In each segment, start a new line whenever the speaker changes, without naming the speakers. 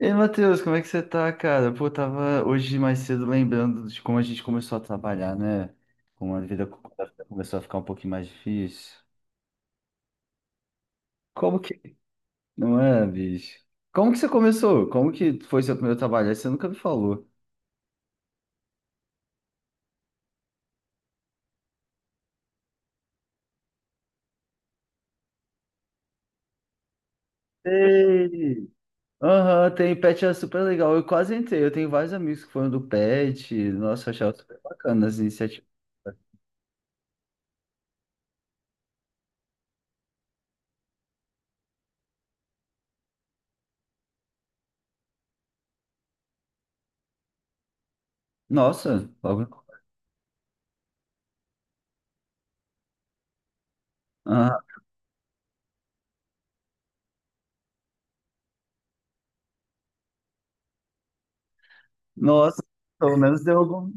Ei, Matheus, como é que você tá, cara? Pô, eu tava hoje mais cedo lembrando de como a gente começou a trabalhar, né? Como a vida começou a ficar um pouquinho mais difícil. Como que... Não é, bicho? Como que você começou? Como que foi seu primeiro trabalho? Aí você nunca me falou. Ei! Aham, tem Pet, é super legal. Eu quase entrei. Eu tenho vários amigos que foram do Pet. Nossa, eu achava super bacana as iniciativas. Nossa, logo. Aham. Nossa, pelo menos deu algum.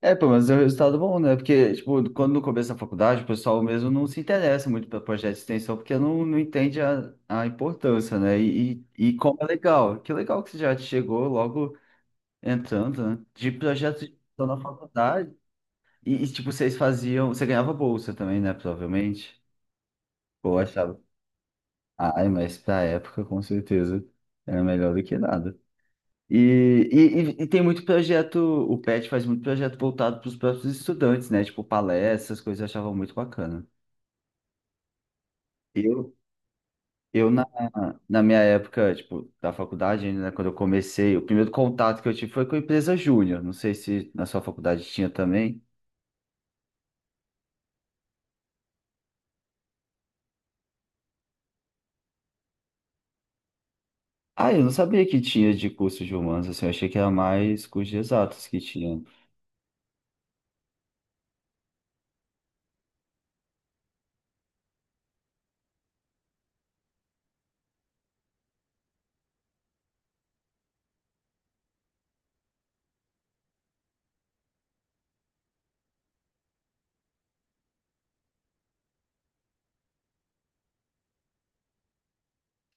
É, pelo menos é um resultado bom, né? Porque, tipo, quando no começo da faculdade, o pessoal mesmo não se interessa muito para projeto de extensão, porque não entende a importância, né? E como é legal. Que legal que você já chegou logo entrando, né? De projeto de extensão na faculdade. Tipo, vocês faziam... Você ganhava bolsa também, né? Provavelmente. Ou achava... Ai, mas pra época, com certeza, era melhor do que nada. E, e tem muito projeto, o PET faz muito projeto voltado para os próprios estudantes, né? Tipo, palestras, coisas eu achava muito bacana. Eu, eu na, Na minha época, tipo, da faculdade, né, quando eu comecei, o primeiro contato que eu tive foi com a empresa Júnior. Não sei se na sua faculdade tinha também. Ah, eu não sabia que tinha de curso de humanos, assim, eu achei que era mais cursos de exatos que tinha.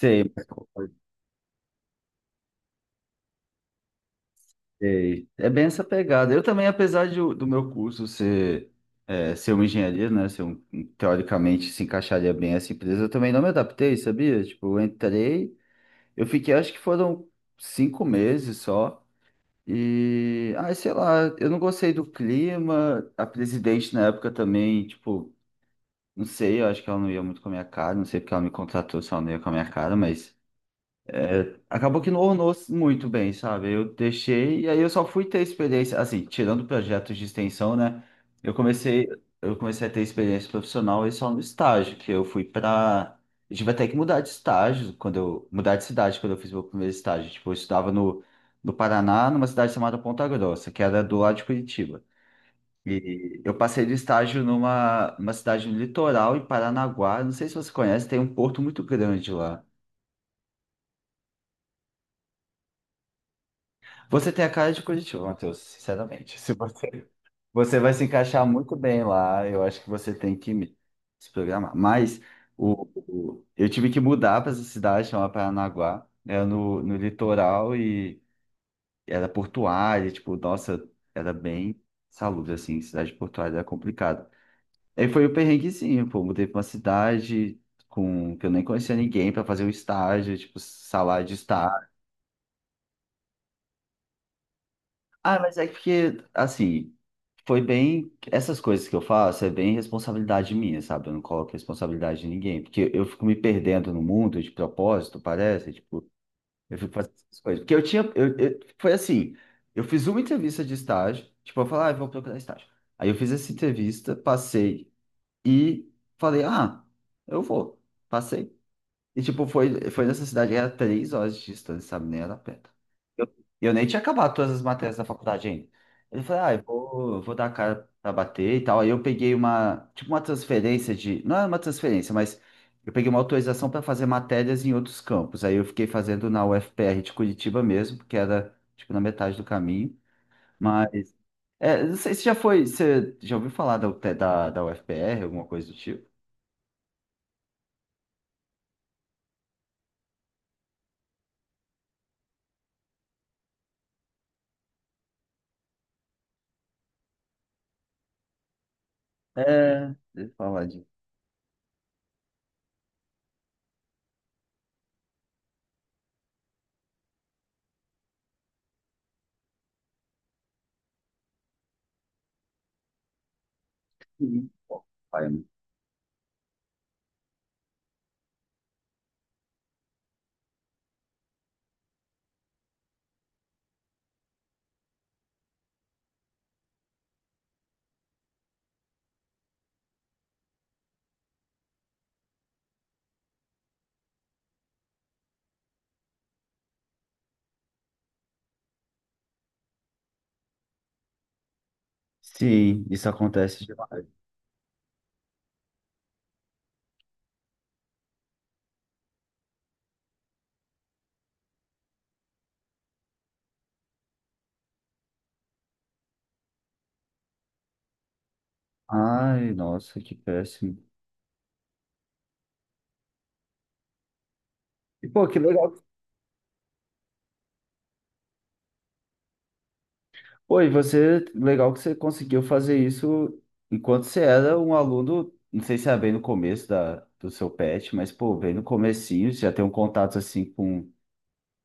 Sei, Sei. É bem essa pegada. Eu também, apesar de, do meu curso ser, é, ser uma engenharia, né? Ser um teoricamente se encaixaria bem essa empresa, eu também não me adaptei, sabia? Tipo, eu entrei, eu fiquei, acho que foram 5 meses só. E, ai, sei lá, eu não gostei do clima. A presidente na época também, tipo, não sei, eu acho que ela não ia muito com a minha cara, não sei porque ela me contratou, se ela não ia com a minha cara, mas. É, acabou que não ornou muito bem, sabe? Eu deixei e aí eu só fui ter experiência, assim, tirando projetos de extensão, né? Eu comecei, eu comecei a ter experiência profissional e só no estágio, que eu fui pra. Eu tive até que mudar de estágio quando eu mudar de cidade quando eu fiz meu primeiro estágio. Tipo, eu estudava no Paraná, numa cidade chamada Ponta Grossa, que era do lado de Curitiba. E eu passei de estágio numa cidade no litoral, em Paranaguá. Não sei se você conhece, tem um porto muito grande lá. Você tem a cara de Curitiba, Matheus, sinceramente. Se você... você vai se encaixar muito bem lá, eu acho que você tem que se programar. Mas eu tive que mudar para essa cidade chamada Paranaguá, era no... no litoral e era portuária, tipo, nossa, era bem salubre, assim, cidade portuária era complicada. Aí foi o perrenguezinho, pô, mudei para uma cidade com... que eu nem conhecia ninguém para fazer um estágio, tipo, salário de estágio. Ah, mas é que, assim, foi bem. Essas coisas que eu faço é bem responsabilidade minha, sabe? Eu não coloco responsabilidade de ninguém. Porque eu fico me perdendo no mundo de propósito, parece. Tipo, eu fico fazendo essas coisas. Porque eu tinha. Foi assim: eu fiz uma entrevista de estágio. Tipo, eu falei, ah, eu vou procurar estágio. Aí eu fiz essa entrevista, passei e falei, ah, eu vou. Passei. E, tipo, foi nessa cidade, era 3 horas de distância, sabe? Nem era perto. Eu, eu nem tinha acabado todas as matérias da faculdade ainda. Ele falou, ah, eu vou dar a cara pra bater e tal. Aí eu peguei uma, tipo, uma transferência de. Não era uma transferência, mas eu peguei uma autorização para fazer matérias em outros campos. Aí eu fiquei fazendo na UFPR de Curitiba mesmo, porque era, tipo, na metade do caminho. Mas, é, não sei se já foi. Você já ouviu falar UT da UFPR, alguma coisa do tipo? É, deixa eu falar de. Sim, isso acontece demais. Ai, nossa, que péssimo. E, pô, que legal. Oi, você, legal que você conseguiu fazer isso enquanto você era um aluno, não sei se era bem no começo do seu PET, mas, pô, bem no comecinho, você já tem um contato, assim,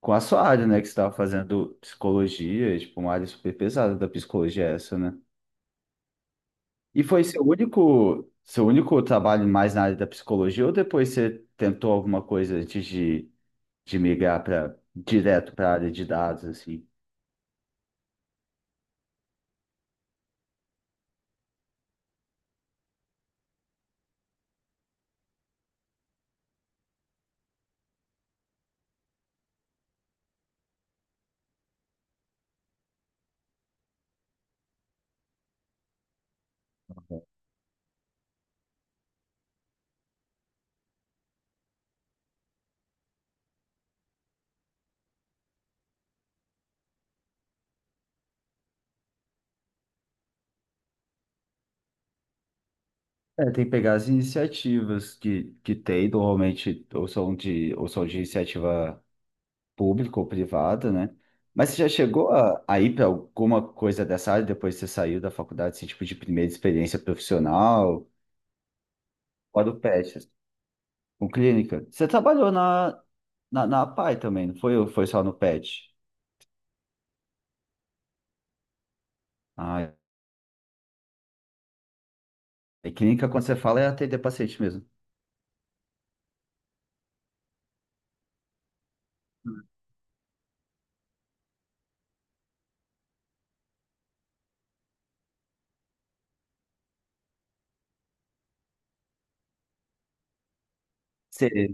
com a sua área, né, que você estava fazendo psicologia, e, tipo, uma área super pesada da psicologia essa, né? E foi seu único trabalho mais na área da psicologia, ou depois você tentou alguma coisa antes de migrar para direto para a área de dados, assim. É, tem que pegar as iniciativas que tem, normalmente ou são de iniciativa pública ou privada, né? Mas você já chegou a ir para alguma coisa dessa área depois que você saiu da faculdade, assim, tipo de primeira experiência profissional, fora o PET, assim, com clínica? Você trabalhou na APAE também, não foi, foi só no PET? Ah, e clínica, quando você fala, é atender paciente mesmo. Você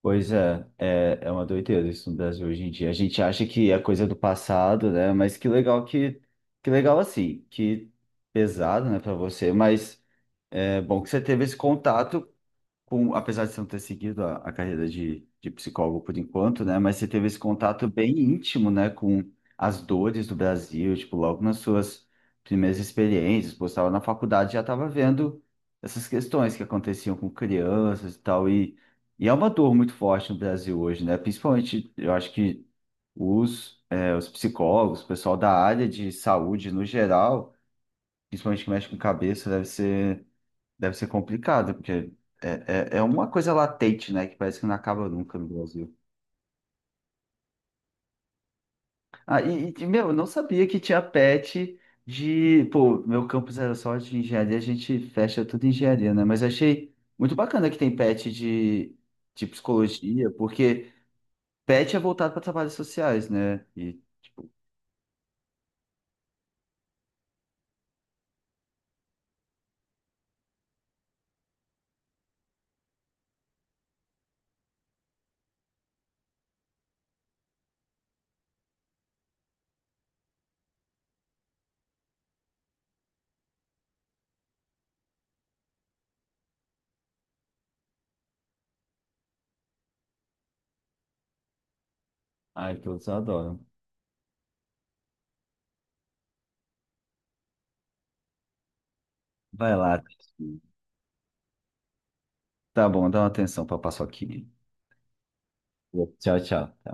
Pois é, é, é uma doideira isso no Brasil hoje em dia. A gente acha que é coisa do passado, né? Mas que legal assim, que pesado, né, para você, mas é bom que você teve esse contato com, apesar de você não ter seguido a carreira de psicólogo por enquanto, né? Mas você teve esse contato bem íntimo, né, com as dores do Brasil, tipo, logo nas suas primeiras experiências, pô, você estava na faculdade, já estava vendo essas questões que aconteciam com crianças e tal, e é uma dor muito forte no Brasil hoje, né? Principalmente, eu acho que os, é, os psicólogos, o pessoal da área de saúde no geral, principalmente que mexe com cabeça, deve ser Deve ser complicado, porque é, é, é uma coisa latente, né? Que parece que não acaba nunca no Brasil. Ah, e, meu, eu não sabia que tinha PET de. Pô, meu campus era só de engenharia, a gente fecha tudo em engenharia, né? Mas eu achei muito bacana que tem PET de psicologia, porque PET é voltado para trabalhos sociais, né? E, tipo, ai, todos adoram. Vai lá. Tá bom, dá uma atenção pra paçoquinha. Tchau, tchau.